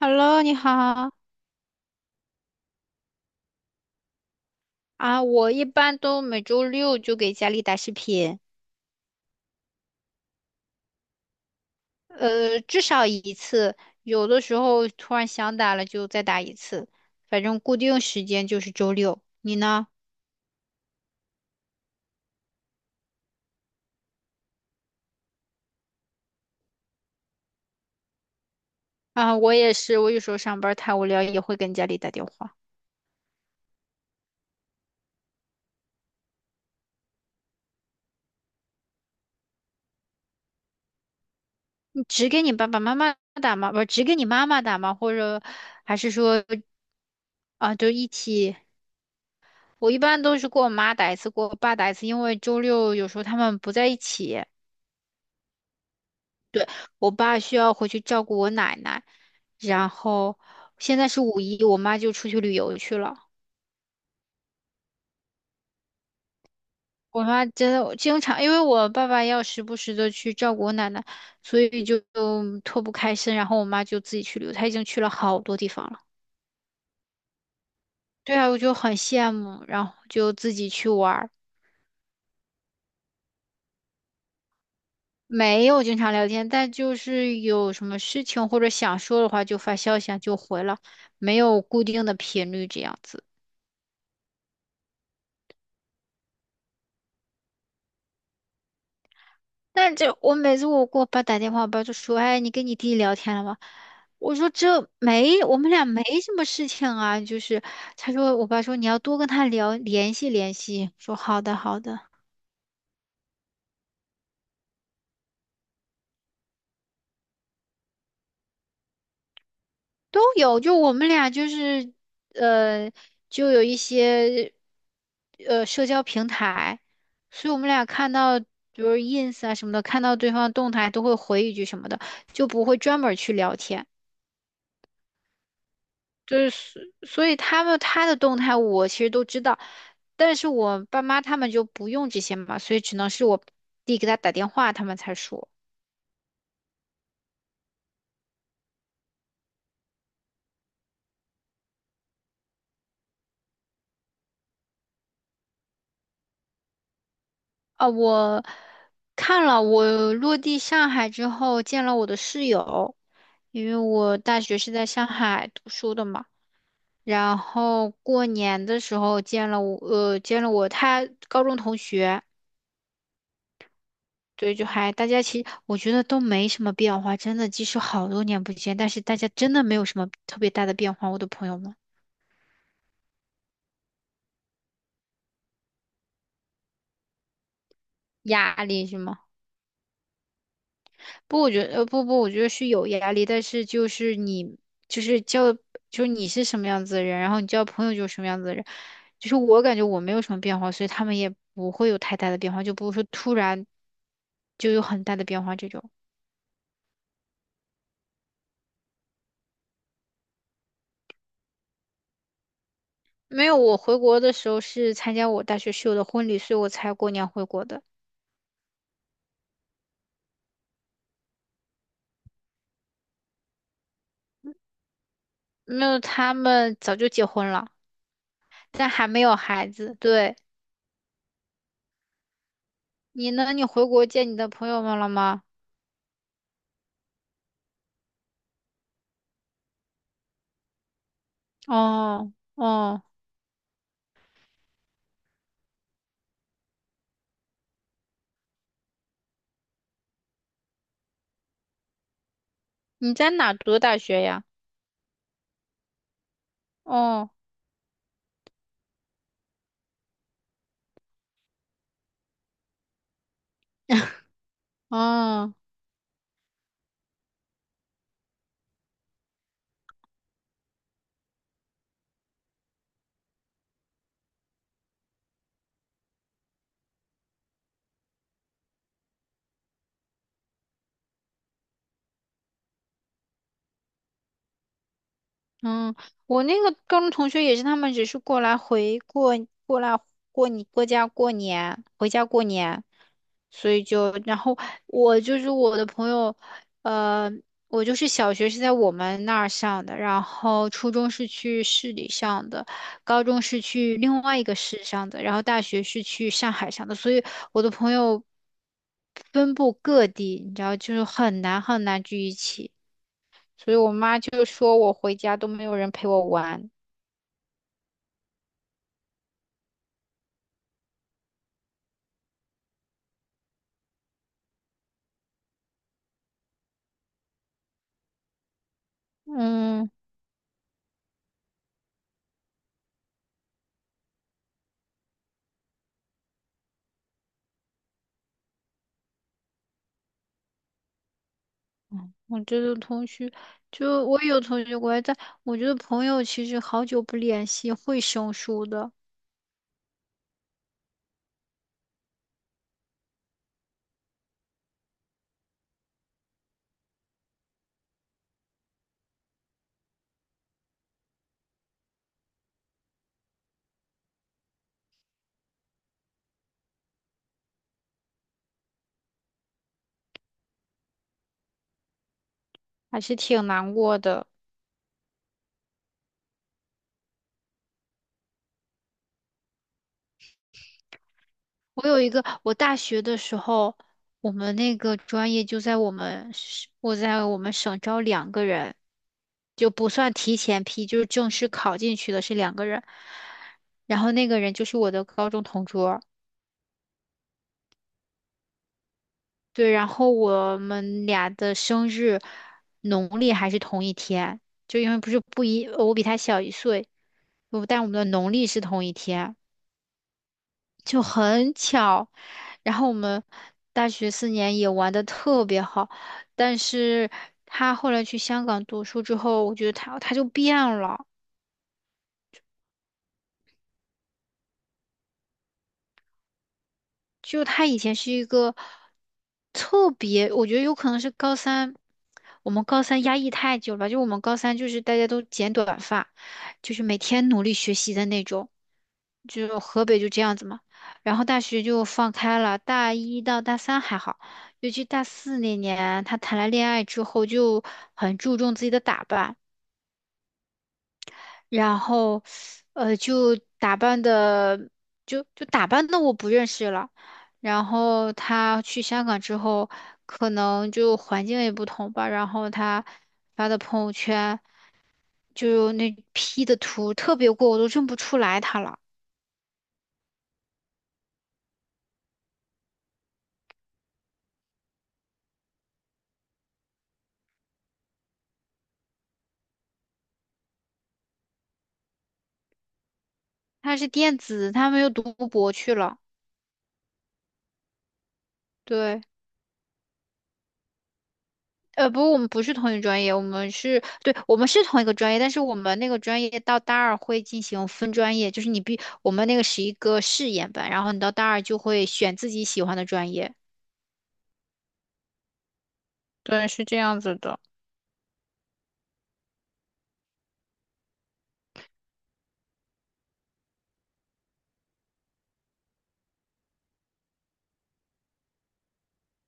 Hello，你好啊！我一般都每周六就给家里打视频，至少一次，有的时候突然想打了就再打一次，反正固定时间就是周六。你呢？啊，我也是，我有时候上班太无聊也会跟家里打电话。你只给你爸爸妈妈打吗？不是，只给你妈妈打吗？或者还是说啊，就一起？我一般都是给我妈打一次，给我爸打一次，因为周六有时候他们不在一起。对，我爸需要回去照顾我奶奶，然后现在是五一，我妈就出去旅游去了。我妈真的经常，因为我爸爸要时不时的去照顾我奶奶，所以就嗯脱不开身，然后我妈就自己去旅游，她已经去了好多地方了。对啊，我就很羡慕，然后就自己去玩儿，没有经常聊天，但就是有什么事情或者想说的话就发消息啊，就回了，没有固定的频率这样子。但这我每次我给我爸打电话，我爸就说：“哎，你跟你弟聊天了吗？”我说：“这没，我们俩没什么事情啊。”就是他说，我爸说你要多跟他聊，联系联系。说好的好的，都有。就我们俩就是呃，就有一些社交平台，所以我们俩看到比如 ins 啊什么的，看到对方动态都会回一句什么的，就不会专门儿去聊天。就是所以他们他的动态我其实都知道，但是我爸妈他们就不用这些嘛，所以只能是我弟给他打电话，他们才说。啊，我看了，我落地上海之后见了我的室友，因为我大学是在上海读书的嘛，然后过年的时候见了我，见了我他高中同学。对，就还大家其实我觉得都没什么变化，真的，即使好多年不见，但是大家真的没有什么特别大的变化。我的朋友们，压力是吗？不，我觉得不不，我觉得是有压力，但是就是你就是交就是你是什么样子的人，然后你交朋友就是什么样子的人，就是我感觉我没有什么变化，所以他们也不会有太大的变化，就不会说突然就有很大的变化这种。没有，我回国的时候是参加我大学室友的婚礼，所以我才过年回国的。没有，他们早就结婚了，但还没有孩子。对，你呢？你回国见你的朋友们了吗？哦哦，你在哪读的大学呀？哦哦。嗯，我那个高中同学也是，他们只是过来回过来过你过家过年，回家过年，所以就然后我就是我的朋友，呃，我就是小学是在我们那儿上的，然后初中是去市里上的，高中是去另外一个市上的，然后大学是去上海上的，所以我的朋友分布各地，你知道，就是很难很难聚一起。所以我妈就说我回家都没有人陪我玩。嗯，嗯我这个同学，就我有同学过来，但我觉得朋友其实好久不联系会生疏的，还是挺难过的。我有一个，我大学的时候，我们那个专业就在我们省我在我们省招两个人，就不算提前批，就是正式考进去的是两个人。然后那个人就是我的高中同桌。对，然后我们俩的生日农历还是同一天，就因为不是不一，呃我比他小一岁，但我们的农历是同一天，就很巧。然后我们大学四年也玩的特别好，但是他后来去香港读书之后，我觉得他就变了。就他以前是一个特别，我觉得有可能是高三，我们高三压抑太久了，就我们高三就是大家都剪短发，就是每天努力学习的那种，就河北就这样子嘛。然后大学就放开了，大一到大三还好，尤其大四那年，他谈了恋爱之后就很注重自己的打扮，然后，就打扮的，就打扮的我不认识了。然后他去香港之后，可能就环境也不同吧。然后他发的朋友圈，就那 P 的图特别过，我都认不出来他了。他是电子，他们又读博去了。对。不，我们不是同一专业，我们是，对，我们是同一个专业，但是我们那个专业到大二会进行分专业，就是你必，我们那个是一个试验班，然后你到大二就会选自己喜欢的专业。对，是这样子的。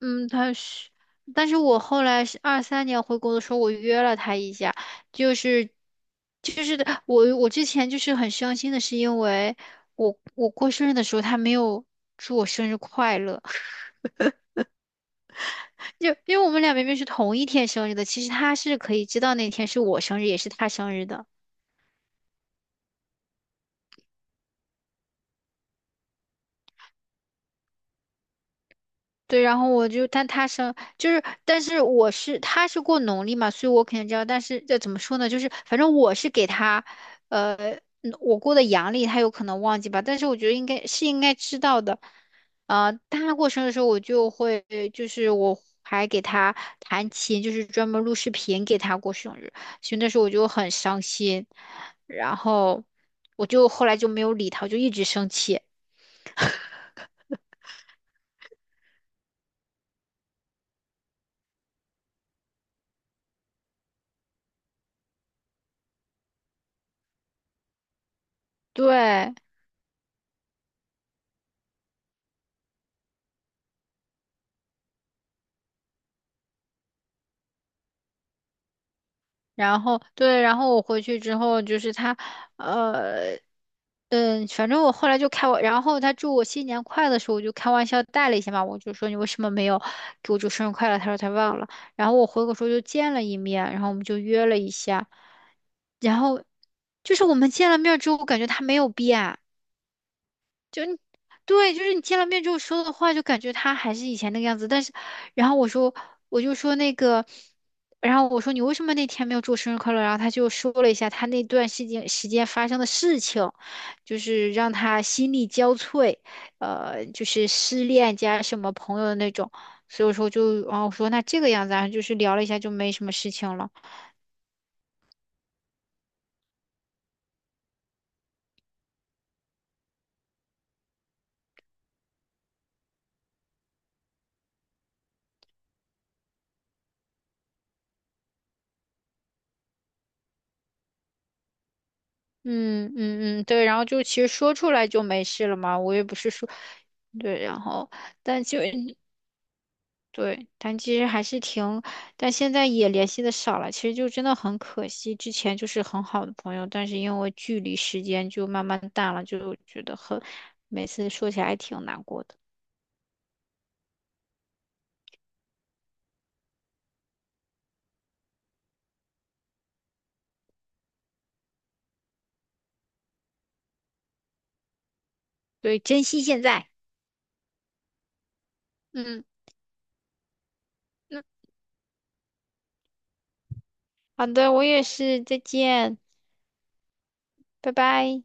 嗯，他是，但是我后来是二三年回国的时候，我约了他一下，就是，就是的我之前就是很伤心的是因为我过生日的时候他没有祝我生日快乐，就因为我们俩明明是同一天生日的，其实他是可以知道那天是我生日，也是他生日的。对，然后我就，但他生就是，但是他是过农历嘛，所以我肯定知道。但是这怎么说呢？就是反正我是给他，呃，我过的阳历，他有可能忘记吧。但是我觉得应该是应该知道的。他过生日的时候，我就会就是我还给他弹琴，就是专门录视频给他过生日，所以那时候我就很伤心，然后我就后来就没有理他，我就一直生气。对，然后我回去之后就是他，呃，反正我后来就开我，然后他祝我新年快乐的时候，我就开玩笑带了一下嘛，我就说你为什么没有给我祝生日快乐？他说他忘了。然后我回国时候就见了一面，然后我们就约了一下，然后就是我们见了面之后，我感觉他没有变。嗯，对，就是你见了面之后说的话，就感觉他还是以前那个样子。但是，然后我说，我就说那个，然后我说你为什么那天没有祝我生日快乐？然后他就说了一下他那段时间发生的事情，就是让他心力交瘁，就是失恋加什么朋友的那种。所以我说就，然后我说那这个样子啊，就是聊了一下就没什么事情了。嗯嗯嗯，对，然后就其实说出来就没事了嘛，我也不是说，对，然后。但就对，但其实还是挺，但现在也联系的少了，其实就真的很可惜。之前就是很好的朋友，但是因为距离时间就慢慢淡了，就觉得很，每次说起来还挺难过的。对，珍惜现在。嗯，那好的，我也是，再见，拜拜。